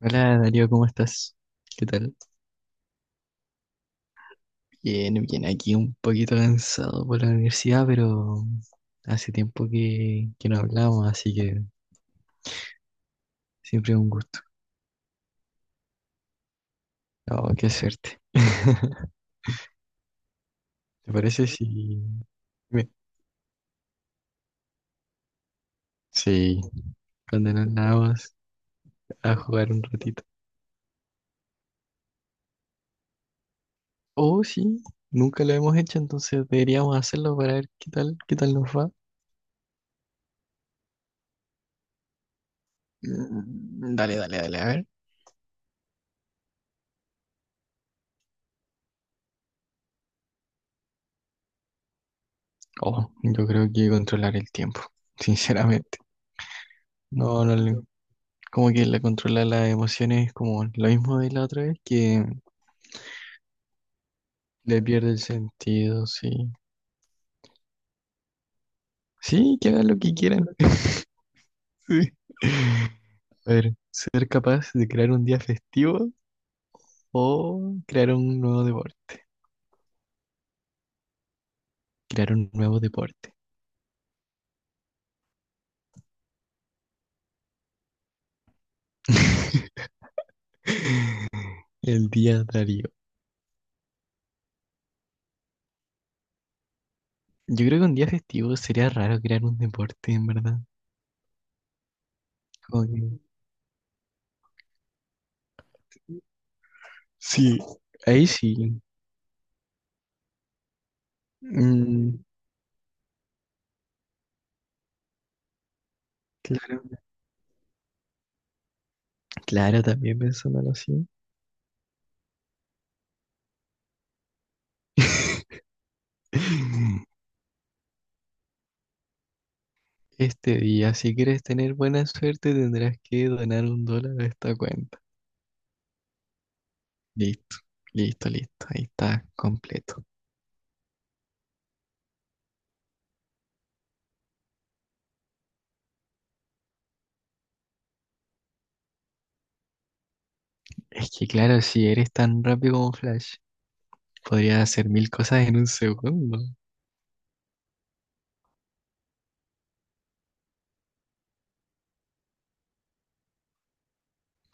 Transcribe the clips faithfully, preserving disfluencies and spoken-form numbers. Hola Darío, ¿cómo estás? ¿Qué tal? Bien, bien, aquí un poquito cansado por la universidad, pero hace tiempo que, que no hablamos, así que siempre es un gusto. Oh, qué suerte. ¿Te parece si... me- Sí, cuando nos vamos a jugar un ratito? Oh, sí, nunca lo hemos hecho, entonces deberíamos hacerlo para ver qué tal, qué tal nos va. Mm, dale, dale, dale, a ver. Oh, yo creo que controlar el tiempo, sinceramente. No, no le, Como que la controla las emociones, como lo mismo de la otra vez, que le pierde el sentido, sí. Sí, que hagan lo que quieran. Sí. A ver, ¿ser capaz de crear un día festivo o crear un nuevo deporte? Crear un nuevo deporte. El día Darío. Yo creo que un día festivo. Sería raro crear un deporte, en verdad. Como que- Sí, ahí sí. Mm, claro, claro, también pensándolo así. Este día, si quieres tener buena suerte, tendrás que donar un dólar a esta cuenta. Listo, listo, listo. Ahí está, completo. Es que claro, si eres tan rápido como Flash, podrías hacer mil cosas en un segundo.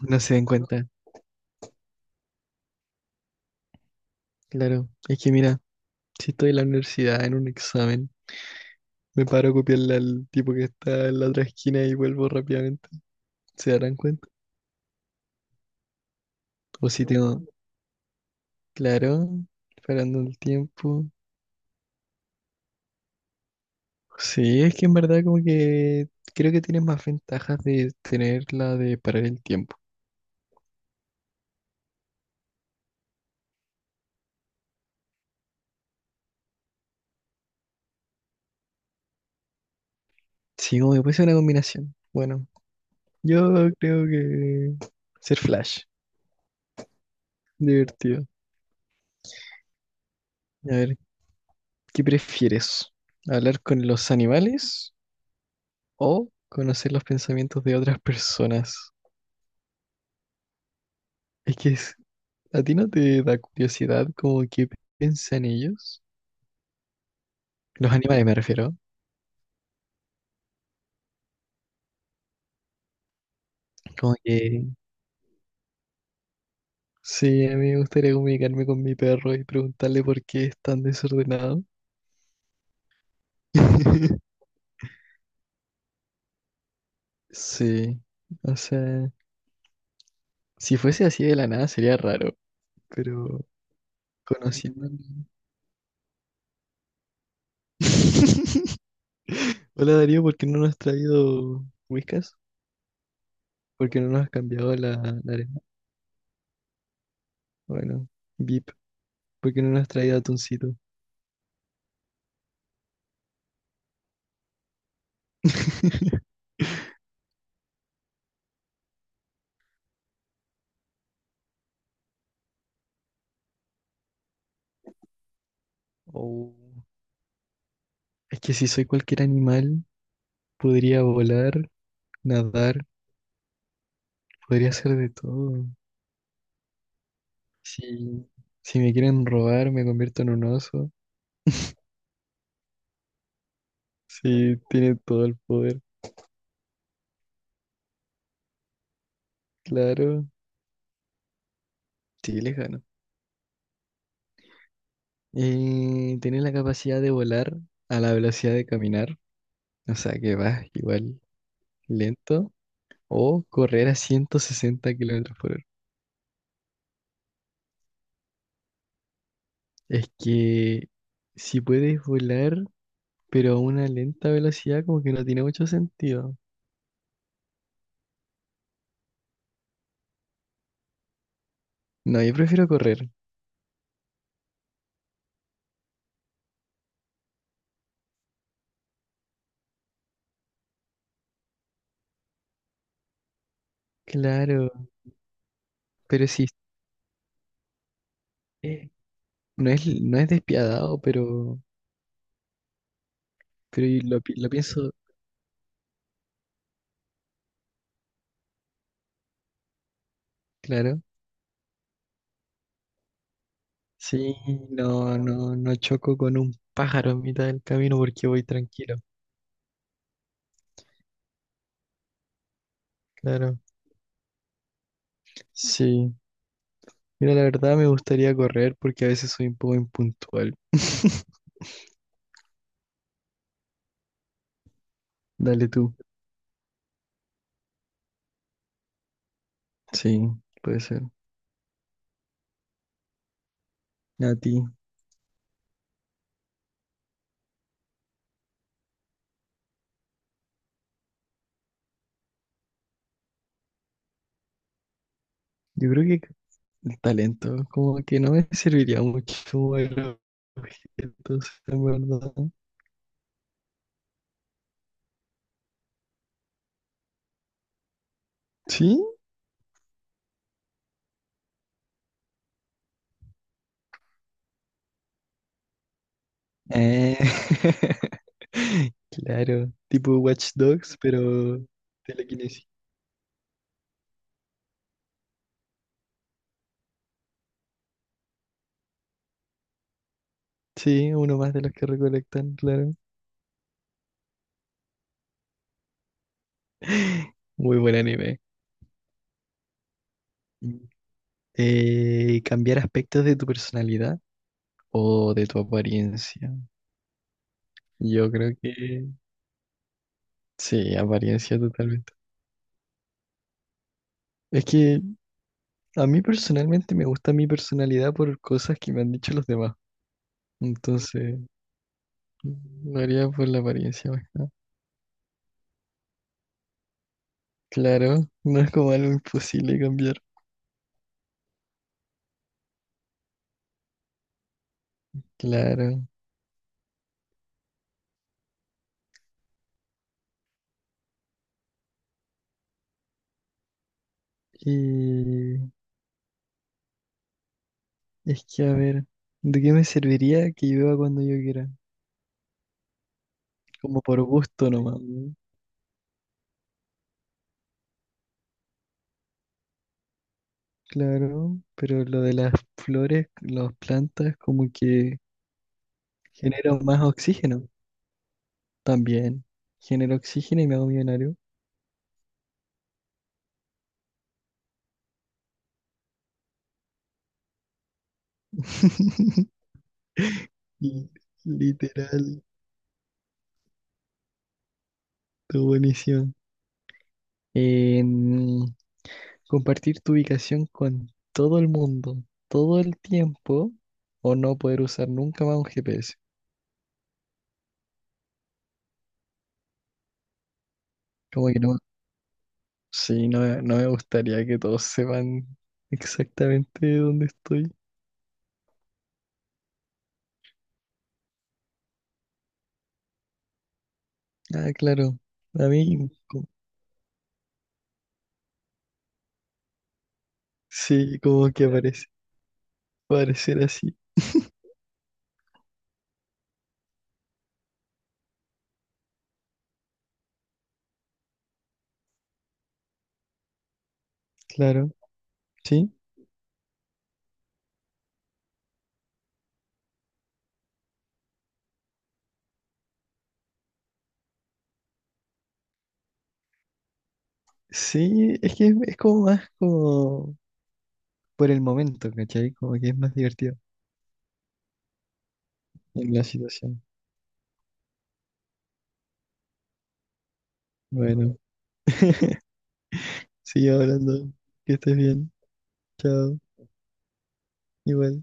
No se den cuenta. Claro, es que mira, si estoy en la universidad en un examen, me paro a copiarle al tipo que está en la otra esquina y vuelvo rápidamente. ¿Se darán cuenta? O si tengo, claro, parando el tiempo. Sí, es que en verdad como que creo que tiene más ventajas de tener la de parar el tiempo. Sí, como que puede ser una combinación. Bueno, yo creo que ser Flash, divertido. A ver, ¿qué prefieres? ¿Hablar con los animales o conocer los pensamientos de otras personas? Es que es- a ti no te da curiosidad como qué piensan ellos. Los animales me refiero. Como que sí, a mí me gustaría comunicarme con mi perro y preguntarle por qué es tan desordenado. Sí, o sea, si fuese así de la nada sería raro, pero conociendo... Hola Darío, ¿por qué no nos has traído whiskas? ¿Por qué no nos has cambiado la, la arena? Bueno, V I P, ¿por qué no nos has traído atuncito? Oh, es que si soy cualquier animal, podría volar, nadar, podría hacer de todo. Si, si me quieren robar, me convierto en un oso. Si tiene todo el poder, claro. Sí, les gano. Eh, tiene la capacidad de volar a la velocidad de caminar. O sea que vas igual lento. O correr a ciento sesenta kilómetros por hora. Es que si puedes volar, pero a una lenta velocidad, como que no tiene mucho sentido. No, yo prefiero correr. Claro. Pero sí, eh, no es, no es despiadado, pero. Pero y lo, pi- lo pienso. Claro. Sí, no, no, no choco con un pájaro en mitad del camino porque voy tranquilo. Claro. Sí. Mira, la verdad me gustaría correr porque a veces soy un poco impuntual. Dale tú. Sí, puede ser. A ti. Yo creo que el talento, como que no me serviría mucho mover objetos, en verdad. ¿Sí? Eh, Claro, tipo Watch Dogs, pero telequinesis. Sí, uno más de los que recolectan, claro. Muy buen anime. Mm. Eh, cambiar aspectos de tu personalidad o de tu apariencia. Yo creo que sí, apariencia totalmente. Es que a mí personalmente me gusta mi personalidad por cosas que me han dicho los demás. Entonces, lo haría por la apariencia más que nada. Claro, no es como algo imposible cambiar. Claro. Y es que, a ver, ¿de qué me serviría que llueva cuando yo quiera? Como por gusto nomás, ¿no? Claro, pero lo de las flores, las plantas, como que genero más oxígeno también. Genero oxígeno y me hago millonario. Li- Literal, tu buenísimo. En compartir tu ubicación con todo el mundo, todo el tiempo, o no poder usar nunca más un G P S. Como que no, sí, no, me- no me gustaría que todos sepan exactamente dónde estoy. Ah, claro. A mí, co- sí, como que aparece, parecer así. Claro, sí. Sí, es que es, es como más como por el momento, ¿cachai? Como que es más divertido en la situación. Bueno, sigue hablando. Que estés bien. Chao. Igual.